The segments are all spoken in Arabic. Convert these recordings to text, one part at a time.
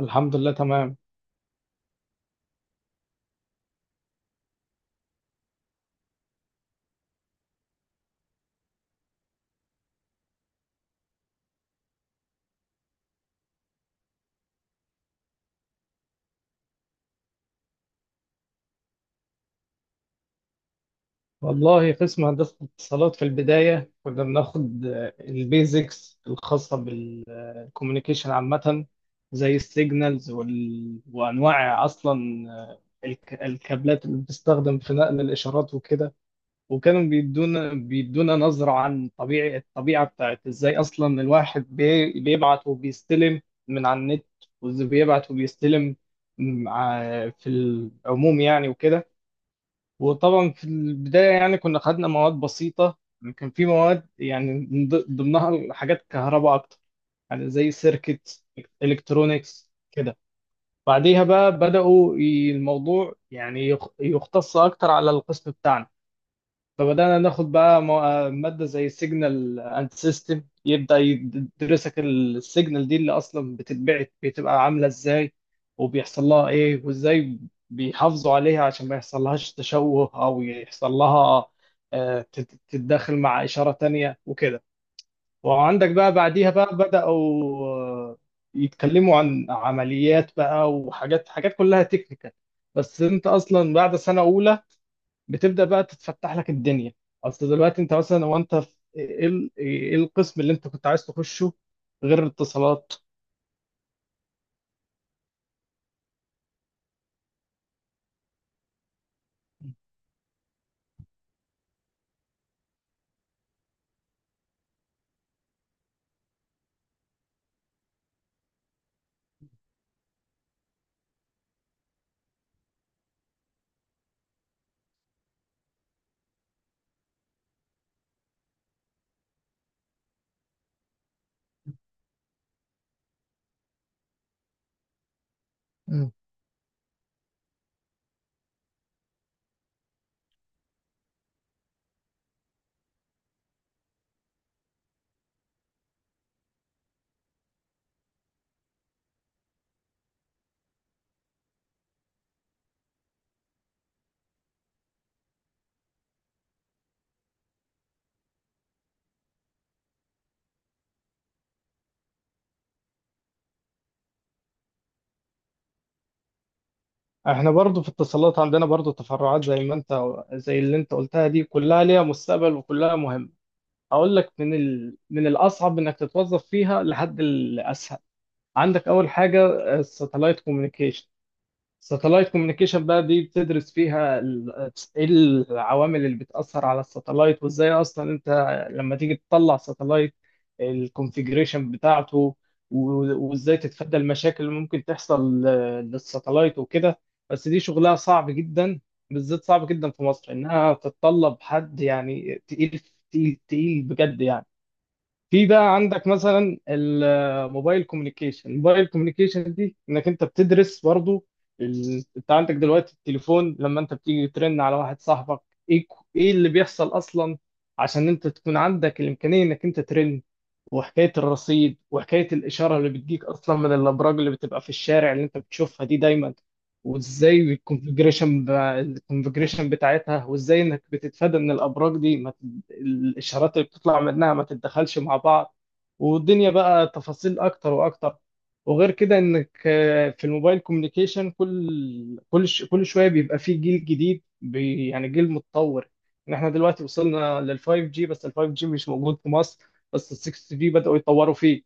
الحمد لله تمام. والله قسم هندسة الاتصالات في البداية كنا بناخد البيزكس الخاصة بالكوميونيكيشن عامة، زي السيجنالز وأنواع، أصلا الكابلات اللي بتستخدم في نقل الإشارات وكده. وكانوا بيدونا نظرة عن الطبيعة بتاعت إزاي أصلا الواحد بيبعت وبيستلم من على النت، وإزاي بيبعت وبيستلم في العموم يعني وكده. وطبعا في البداية يعني كنا خدنا مواد بسيطة، كان في مواد يعني من ضمنها حاجات كهرباء أكتر، يعني زي سيركت، إلكترونيكس كده. بعديها بقى بدأوا الموضوع يعني يختص أكتر على القسم بتاعنا. فبدأنا ناخد بقى مادة زي سيجنال اند سيستم، يبدأ يدرسك السيجنال دي اللي أصلا بتتبعت بتبقى عاملة إزاي، وبيحصل لها إيه، وإزاي بيحافظوا عليها عشان ما يحصلهاش تشوه أو يحصل لها تتداخل مع إشارة تانية وكده. وعندك بقى بعديها بقى بدأوا آه، يتكلموا عن عمليات بقى وحاجات، حاجات كلها تكنيكال. بس أنت أصلا بعد سنة أولى بتبدا بقى تتفتح لك الدنيا. اصل دلوقتي انت مثلا، هو انت في إيه القسم اللي انت كنت عايز تخشه غير الاتصالات؟ مم. احنا برضو في الاتصالات عندنا برضو تفرعات زي ما انت، زي اللي انت قلتها، دي كلها ليها مستقبل وكلها مهمة. اقول لك من الاصعب انك تتوظف فيها لحد الاسهل. عندك اول حاجة الساتلايت كوميونيكيشن. ساتلايت كوميونيكيشن بقى دي بتدرس فيها ايه العوامل اللي بتأثر على الساتلايت، وازاي اصلا انت لما تيجي تطلع ساتلايت، الكونفيجريشن بتاعته، وازاي تتفادى المشاكل اللي ممكن تحصل للساتلايت وكده. بس دي شغلها صعب جدا، بالذات صعب جدا في مصر، انها تتطلب حد يعني تقيل. تقيل تقيل بجد يعني. في بقى عندك مثلا الموبايل كوميونيكيشن. الموبايل كوميونيكيشن دي انك انت بتدرس برضو انت عندك دلوقتي التليفون لما انت بتيجي ترن على واحد صاحبك، ايه اللي بيحصل اصلا عشان انت تكون عندك الامكانيه انك انت ترن، وحكاية الرصيد، وحكاية الإشارة اللي بتجيك أصلا من الأبراج اللي بتبقى في الشارع اللي أنت بتشوفها دي دايما، وإزاي الكونفجريشن الكونفجريشن بتاعتها، وإزاي إنك بتتفادى إن الأبراج دي ما ت... الإشارات اللي بتطلع منها ما تتدخلش مع بعض. والدنيا بقى تفاصيل أكتر وأكتر. وغير كده إنك في الموبايل كوميونيكيشن كل شوية بيبقى فيه جيل جديد يعني جيل متطور. إن إحنا دلوقتي وصلنا لل 5G، بس ال 5G مش موجود في مصر، بس ال 6 جي بدأوا يطوروا فيه.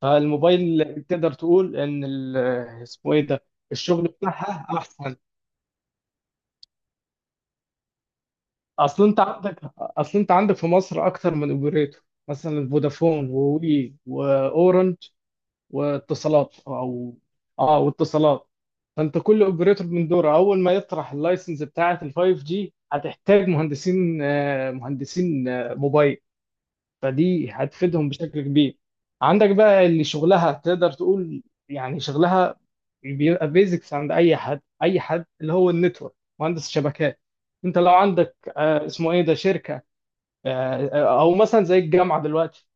فالموبايل تقدر تقول ان اسمه ايه ده، الشغل بتاعها احسن. اصل انت عندك، اصل انت عندك في مصر اكتر من اوبريتور مثلا فودافون ووي واورنج واتصالات، او اه واتصالات. فانت كل اوبريتور من دوره اول ما يطرح اللايسنس بتاعه ال 5 جي، هتحتاج مهندسين مهندسين موبايل، فدي هتفيدهم بشكل كبير. عندك بقى اللي شغلها تقدر تقول يعني شغلها بيبقى بيزكس عند اي حد، اي حد اللي هو النتورك، مهندس الشبكات. انت لو عندك اسمه ايه ده شركه، او مثلا زي الجامعه دلوقتي،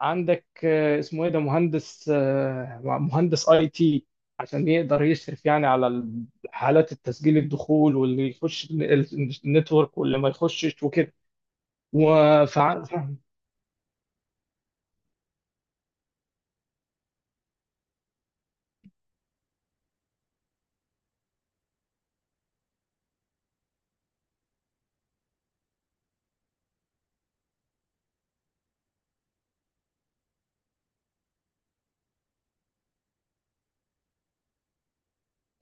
عندك اسمه ايه ده مهندس، مهندس اي تي عشان يقدر يشرف يعني على حالات التسجيل الدخول، واللي يخش النتورك واللي ما يخشش وكده. وف...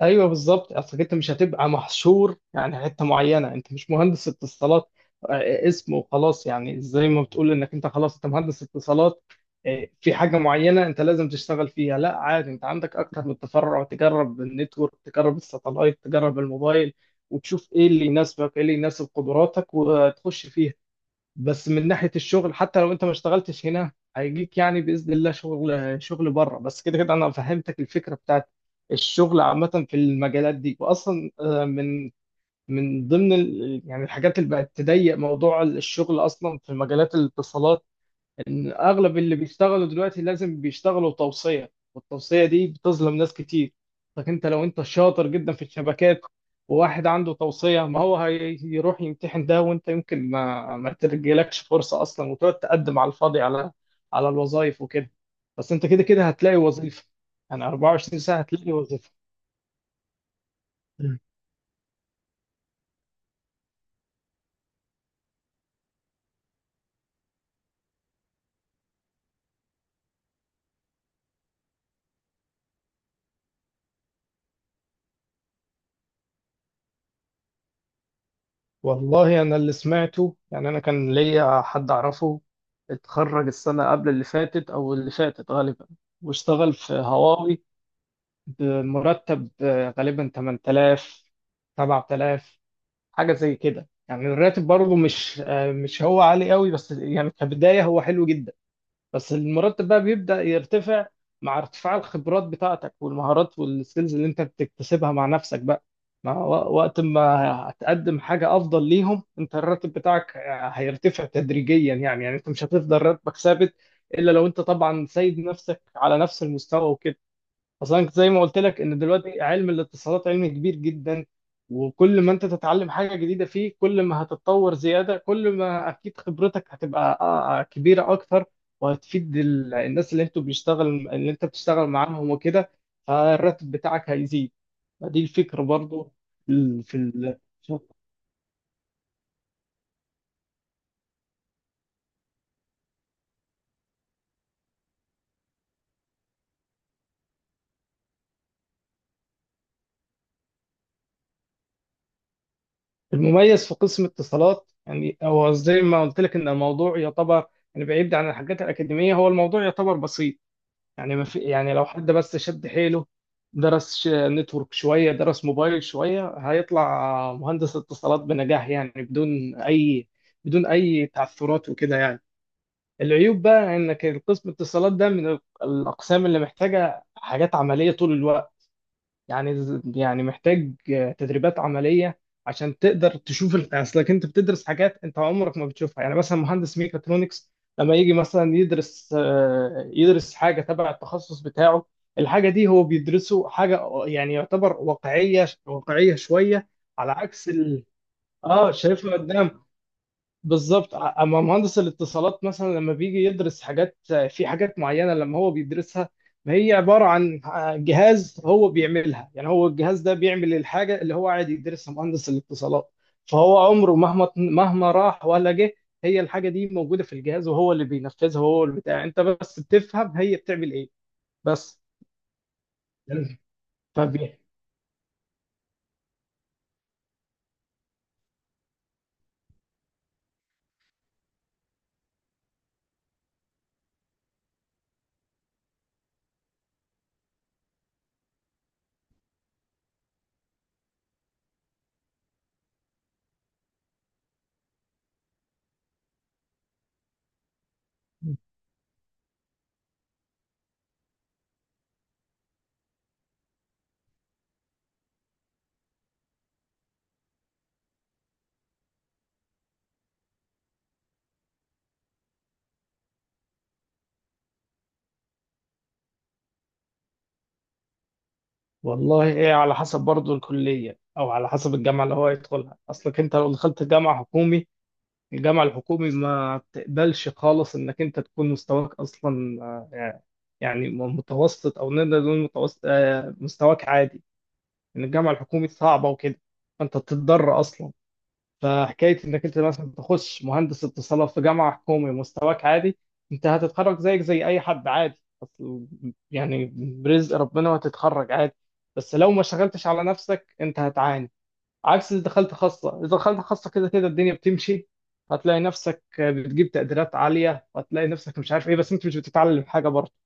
ايوه بالظبط. اصلك انت مش هتبقى محشور يعني حته معينه، انت مش مهندس اتصالات اسم وخلاص، يعني زي ما بتقول انك انت خلاص انت مهندس اتصالات في حاجه معينه انت لازم تشتغل فيها. لا عادي، انت عندك اكتر من تفرع، تجرب النتورك، تجرب الساتلايت، تجرب الموبايل، وتشوف ايه اللي يناسبك، ايه اللي يناسب قدراتك، وتخش فيها. بس من ناحية الشغل، حتى لو انت ما اشتغلتش هنا، هيجيك يعني بإذن الله شغل، شغل بره. بس كده كده انا فهمتك الفكرة بتاعت الشغل عامة في المجالات دي. واصلا من ضمن يعني الحاجات اللي بقت تضيق موضوع الشغل اصلا في مجالات الاتصالات، ان اغلب اللي بيشتغلوا دلوقتي لازم بيشتغلوا توصية، والتوصية دي بتظلم ناس كتير. لكن انت لو انت شاطر جدا في الشبكات، وواحد عنده توصية، ما هو هيروح يمتحن ده، وانت يمكن ما ترجلكش فرصة اصلا، وتقعد تقدم على الفاضي على على الوظائف وكده. بس انت كده كده هتلاقي وظيفة، يعني 24 ساعة هتلاقي وظيفة. والله أنا اللي سمعته، يعني أنا كان ليا حد أعرفه اتخرج السنة قبل اللي فاتت أو اللي فاتت غالبا، واشتغل في هواوي بمرتب غالبا 8000، 7000، حاجة زي كده. يعني الراتب برضه مش مش هو عالي قوي، بس يعني كبداية هو حلو جدا. بس المرتب بقى بيبدأ يرتفع مع ارتفاع الخبرات بتاعتك والمهارات والسكيلز اللي انت بتكتسبها مع نفسك بقى، مع وقت ما هتقدم حاجة أفضل ليهم، انت الراتب بتاعك هيرتفع تدريجيا، يعني يعني انت مش هتفضل راتبك ثابت، إلا لو انت طبعا سايب نفسك على نفس المستوى وكده. اصلا كنت زي ما قلت لك، ان دلوقتي علم الاتصالات علم كبير جدا، وكل ما انت تتعلم حاجه جديده فيه، كل ما هتتطور زياده، كل ما اكيد خبرتك هتبقى كبيره اكتر، وهتفيد الناس اللي انتوا بيشتغل، اللي انت بتشتغل معاهم وكده. فالراتب بتاعك هيزيد، فدي الفكره برضو. ال- في ال- المميز في قسم اتصالات يعني، هو زي ما قلت لك ان الموضوع يعتبر يعني بعيد عن الحاجات الاكاديميه، هو الموضوع يعتبر بسيط يعني، ما في يعني لو حد بس شد حيله، درس نتورك شوية، درس موبايل شوية، هيطلع مهندس اتصالات بنجاح يعني، بدون أي تعثرات وكده يعني. العيوب بقى إنك قسم الاتصالات ده من الأقسام اللي محتاجة حاجات عملية طول الوقت، يعني يعني محتاج تدريبات عملية عشان تقدر تشوف اصلك انت بتدرس حاجات انت عمرك ما بتشوفها. يعني مثلا مهندس ميكاترونكس لما يجي مثلا يدرس يدرس حاجة تبع التخصص بتاعه، الحاجة دي هو بيدرسه حاجة، يعني يعتبر واقعية، واقعية شوية، على عكس اه، شايفها قدامه. بالظبط اما مهندس الاتصالات مثلا لما بيجي يدرس حاجات، في حاجات معينه لما هو بيدرسها، ما هي عباره عن جهاز هو بيعملها، يعني هو الجهاز ده بيعمل الحاجه اللي هو قاعد يدرسها مهندس الاتصالات. فهو عمره مهما مهما راح ولا جه، هي الحاجه دي موجوده في الجهاز، وهو اللي بينفذها، وهو اللي بتاع، انت بس بتفهم هي بتعمل ايه بس. فبي والله ايه، على حسب برضه الكليه، او على حسب الجامعه اللي هو يدخلها. اصلك انت لو دخلت جامعه حكومي، الجامعة الحكومي ما بتقبلش خالص انك انت تكون مستواك اصلا آه، يعني متوسط، او نقدر نقول متوسط مستواك عادي، ان الجامعة الحكومي صعبة وكده. فانت بتضطر اصلا، فحكاية انك انت مثلا تخش مهندس اتصالات في جامعة حكومي مستواك عادي، انت هتتخرج زيك زي اي حد عادي، أصل يعني برزق ربنا، وهتتخرج عادي، بس لو ما شغلتش على نفسك انت هتعاني. عكس اللي دخلت خاصة، إذا دخلت خاصة كده كده الدنيا بتمشي، هتلاقي نفسك بتجيب تقديرات عالية، وهتلاقي نفسك مش عارف إيه، بس أنت مش بتتعلم حاجة برضه.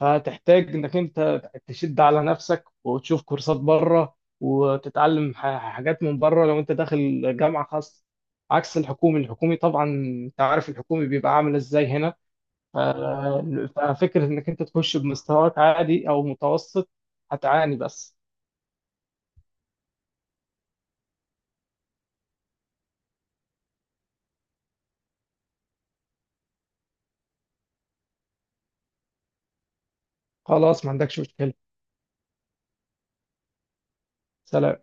فهتحتاج إنك أنت تشد على نفسك وتشوف كورسات بره، وتتعلم حاجات من بره، لو أنت داخل جامعة خاصة، عكس الحكومي. الحكومي طبعا أنت عارف الحكومي بيبقى عامل إزاي هنا. ف- ففكرة إنك أنت تخش بمستواك عادي أو متوسط، هتعاني بس. خلاص ما عندكش مشكلة. سلام.